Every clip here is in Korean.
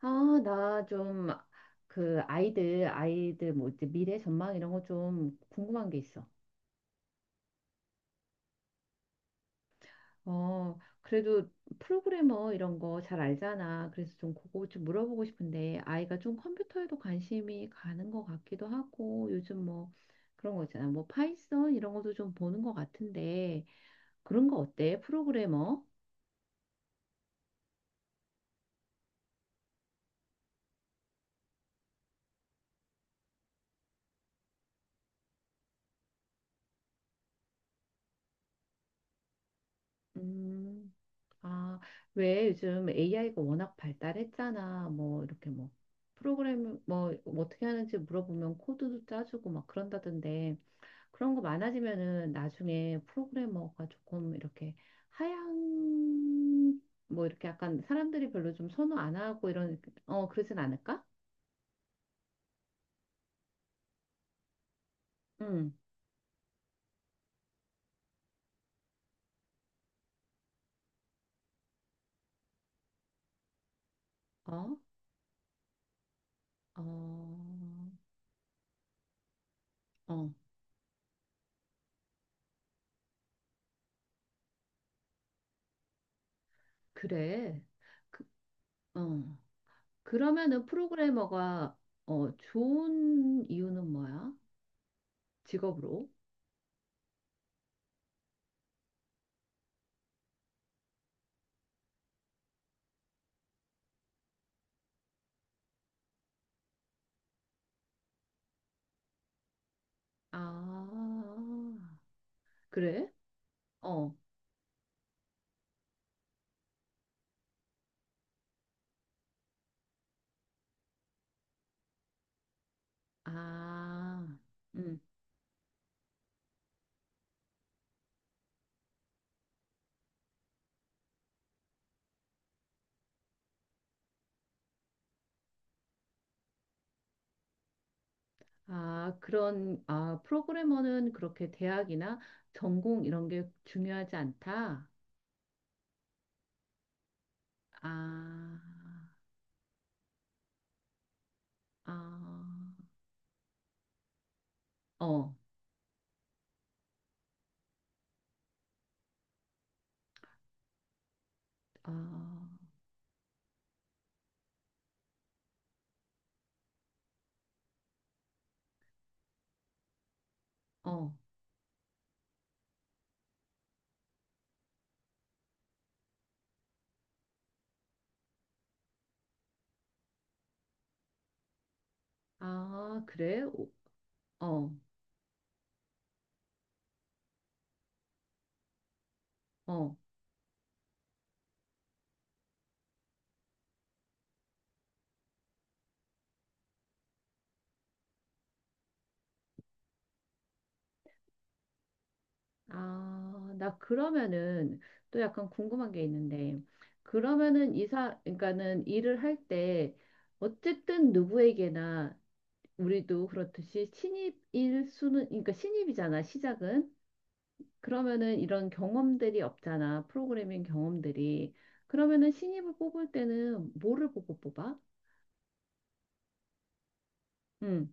나 좀 그 아이들 뭐 이제 미래 전망 이런 거 좀 궁금한 게 있어. 어, 그래도 프로그래머 이런 거 잘 알잖아. 그래서 좀 그거 좀 물어보고 싶은데 아이가 좀 컴퓨터에도 관심이 가는 것 같기도 하고 요즘 뭐 그런 거 있잖아. 뭐 파이썬 이런 것도 좀 보는 것 같은데 그런 거 어때? 프로그래머? 음. 아, 왜 요즘 AI가 워낙 발달했잖아. 뭐 이렇게 뭐 프로그램 뭐 어떻게 하는지 물어보면 코드도 짜주고 막 그런다던데 그런 거 많아지면은 나중에 프로그래머가 조금 이렇게 하향 뭐 이렇게 약간 사람들이 별로 좀 선호 안 하고 이런 어 그러진 않을까? 응. 어? 어. 어. 그래. 그, 어. 그러면은 프로그래머가 어 좋은 이유는 뭐야? 직업으로. 아, 그래? 어. 아, 음. 프로그래머는 그렇게 대학이나 전공 이런 게 중요하지 않다. 아, 아, 어, 아, 어, 아, 그래? 오, 어, 어. 나 그러면은 또 약간 궁금한 게 있는데, 그러니까는 일을 할 때 어쨌든 누구에게나 우리도 그렇듯이 신입일 수는, 그러니까 신입이잖아, 시작은. 그러면은 이런 경험들이 없잖아, 프로그래밍 경험들이. 그러면은 신입을 뽑을 때는 뭐를 보고 뽑아? 응,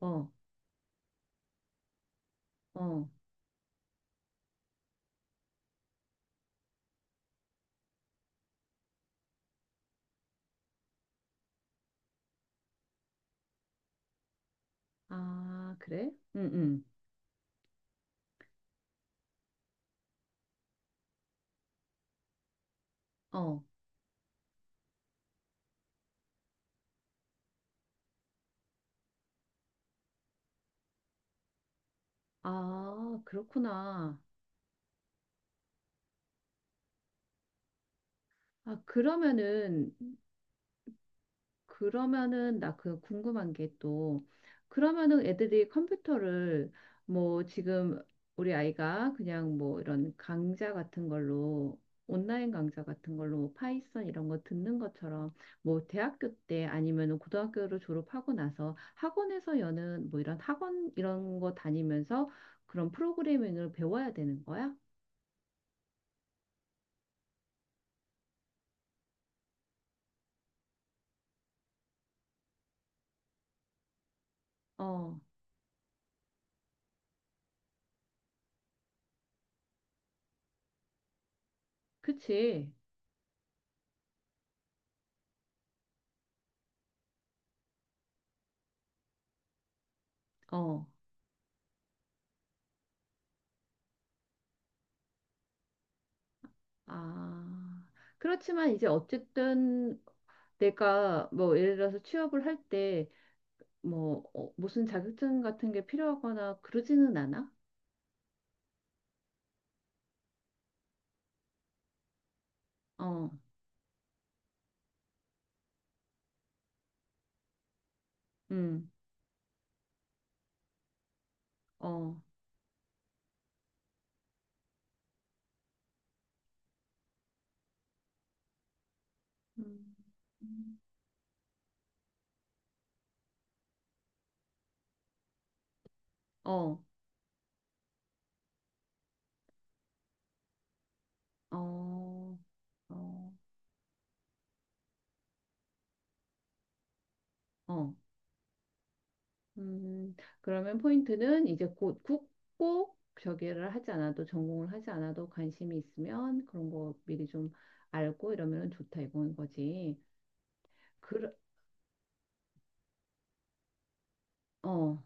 어, 어. 아, 그래? 응, 응. 어. 아, 그렇구나. 그러면은 그러면은 나 그 궁금한 게 또 그러면은 애들이 컴퓨터를 뭐 지금 우리 아이가 그냥 뭐 이런 강좌 같은 걸로 온라인 강좌 같은 걸로 뭐 파이썬 이런 거 듣는 것처럼 뭐 대학교 때 아니면은 고등학교를 졸업하고 나서 학원에서 여는 뭐 이런 학원 이런 거 다니면서 그런 프로그래밍을 배워야 되는 거야? 어, 그치. 어, 아. 그렇지만 이제 어쨌든 내가 뭐 예를 들어서 취업을 할 때뭐 어, 무슨 자격증 같은 게 필요하거나 그러지는 않아? 어, 음, 어, 음, 음. 어, 어, 어, 어. 음, 그러면 포인트는 이제 곧 굳고 저기를 하지 않아도 전공을 하지 않아도 관심이 있으면 그런 거 미리 좀 알고 이러면 좋다 이건 거지. 그, 어,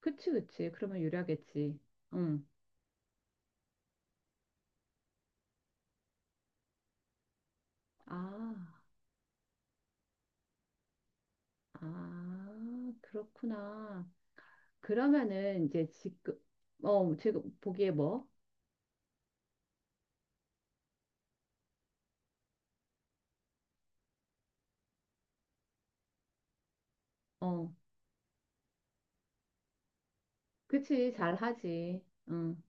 그치, 그치. 그러면 유리하겠지. 음, 아. 아, 그렇구나. 그러면은 이제 지금 어 지금 보기에 뭐? 어, 그치 잘하지. 응.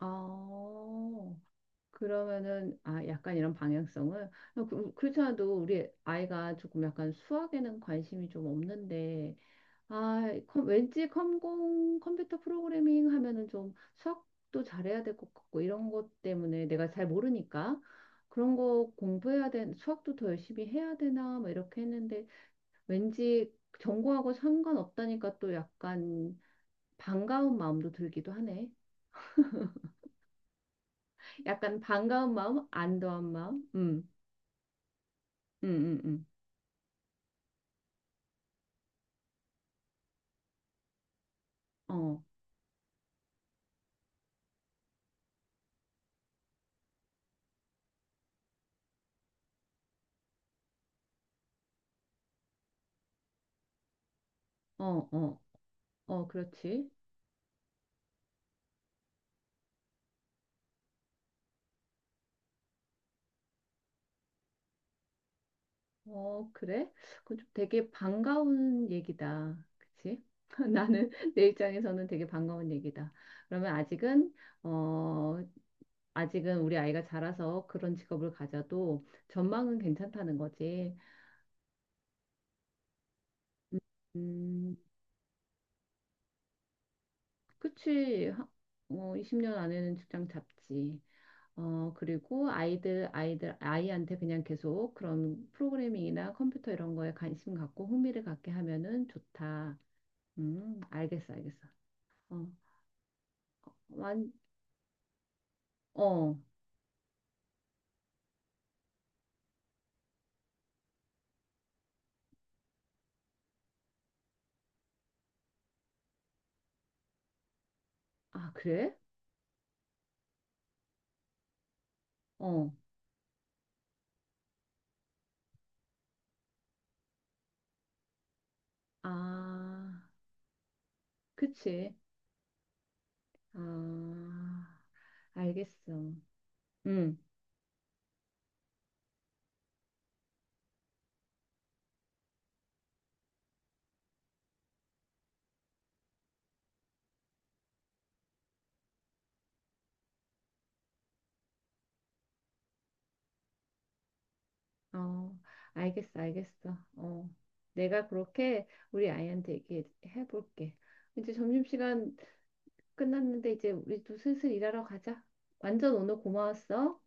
어, 그러면은 아 약간 이런 방향성을 그렇지 않아도 우리 아이가 조금 약간 수학에는 관심이 좀 없는데 아, 왠지 컴공 컴퓨터 프로그래밍 하면은 좀 수학도 잘해야 될 것 같고 이런 것 때문에 내가 잘 모르니까 그런 거 공부해야 되 수학도 더 열심히 해야 되나 뭐 이렇게 했는데 왠지 전공하고 상관없다니까 또 약간 반가운 마음도 들기도 하네. 약간 반가운 마음, 안도한 마음. 음, 음, 음. 어, 어, 어, 어, 그렇지. 어, 그래? 그건 좀 되게 반가운 얘기다. 그치? 나는 내 입장에서는 되게 반가운 얘기다. 그러면 아직은, 어, 아직은 우리 아이가 자라서 그런 직업을 가져도 전망은 괜찮다는 거지. 음, 그치. 하- 어, 20년 안에는 직장 잡지. 어, 그리고 아이한테 그냥 계속 그런 프로그래밍이나 컴퓨터 이런 거에 관심 갖고 흥미를 갖게 하면은 좋다. 알겠어, 알겠어. 어, 완, 어, 아, 그래? 어, 아, 그치. 아, 알겠어. 응, 어, 알겠어, 알겠어. 어, 내가 그렇게 우리 아이한테 얘기해 볼게. 이제 점심시간 끝났는데 이제 우리도 슬슬 일하러 가자. 완전 오늘 고마웠어.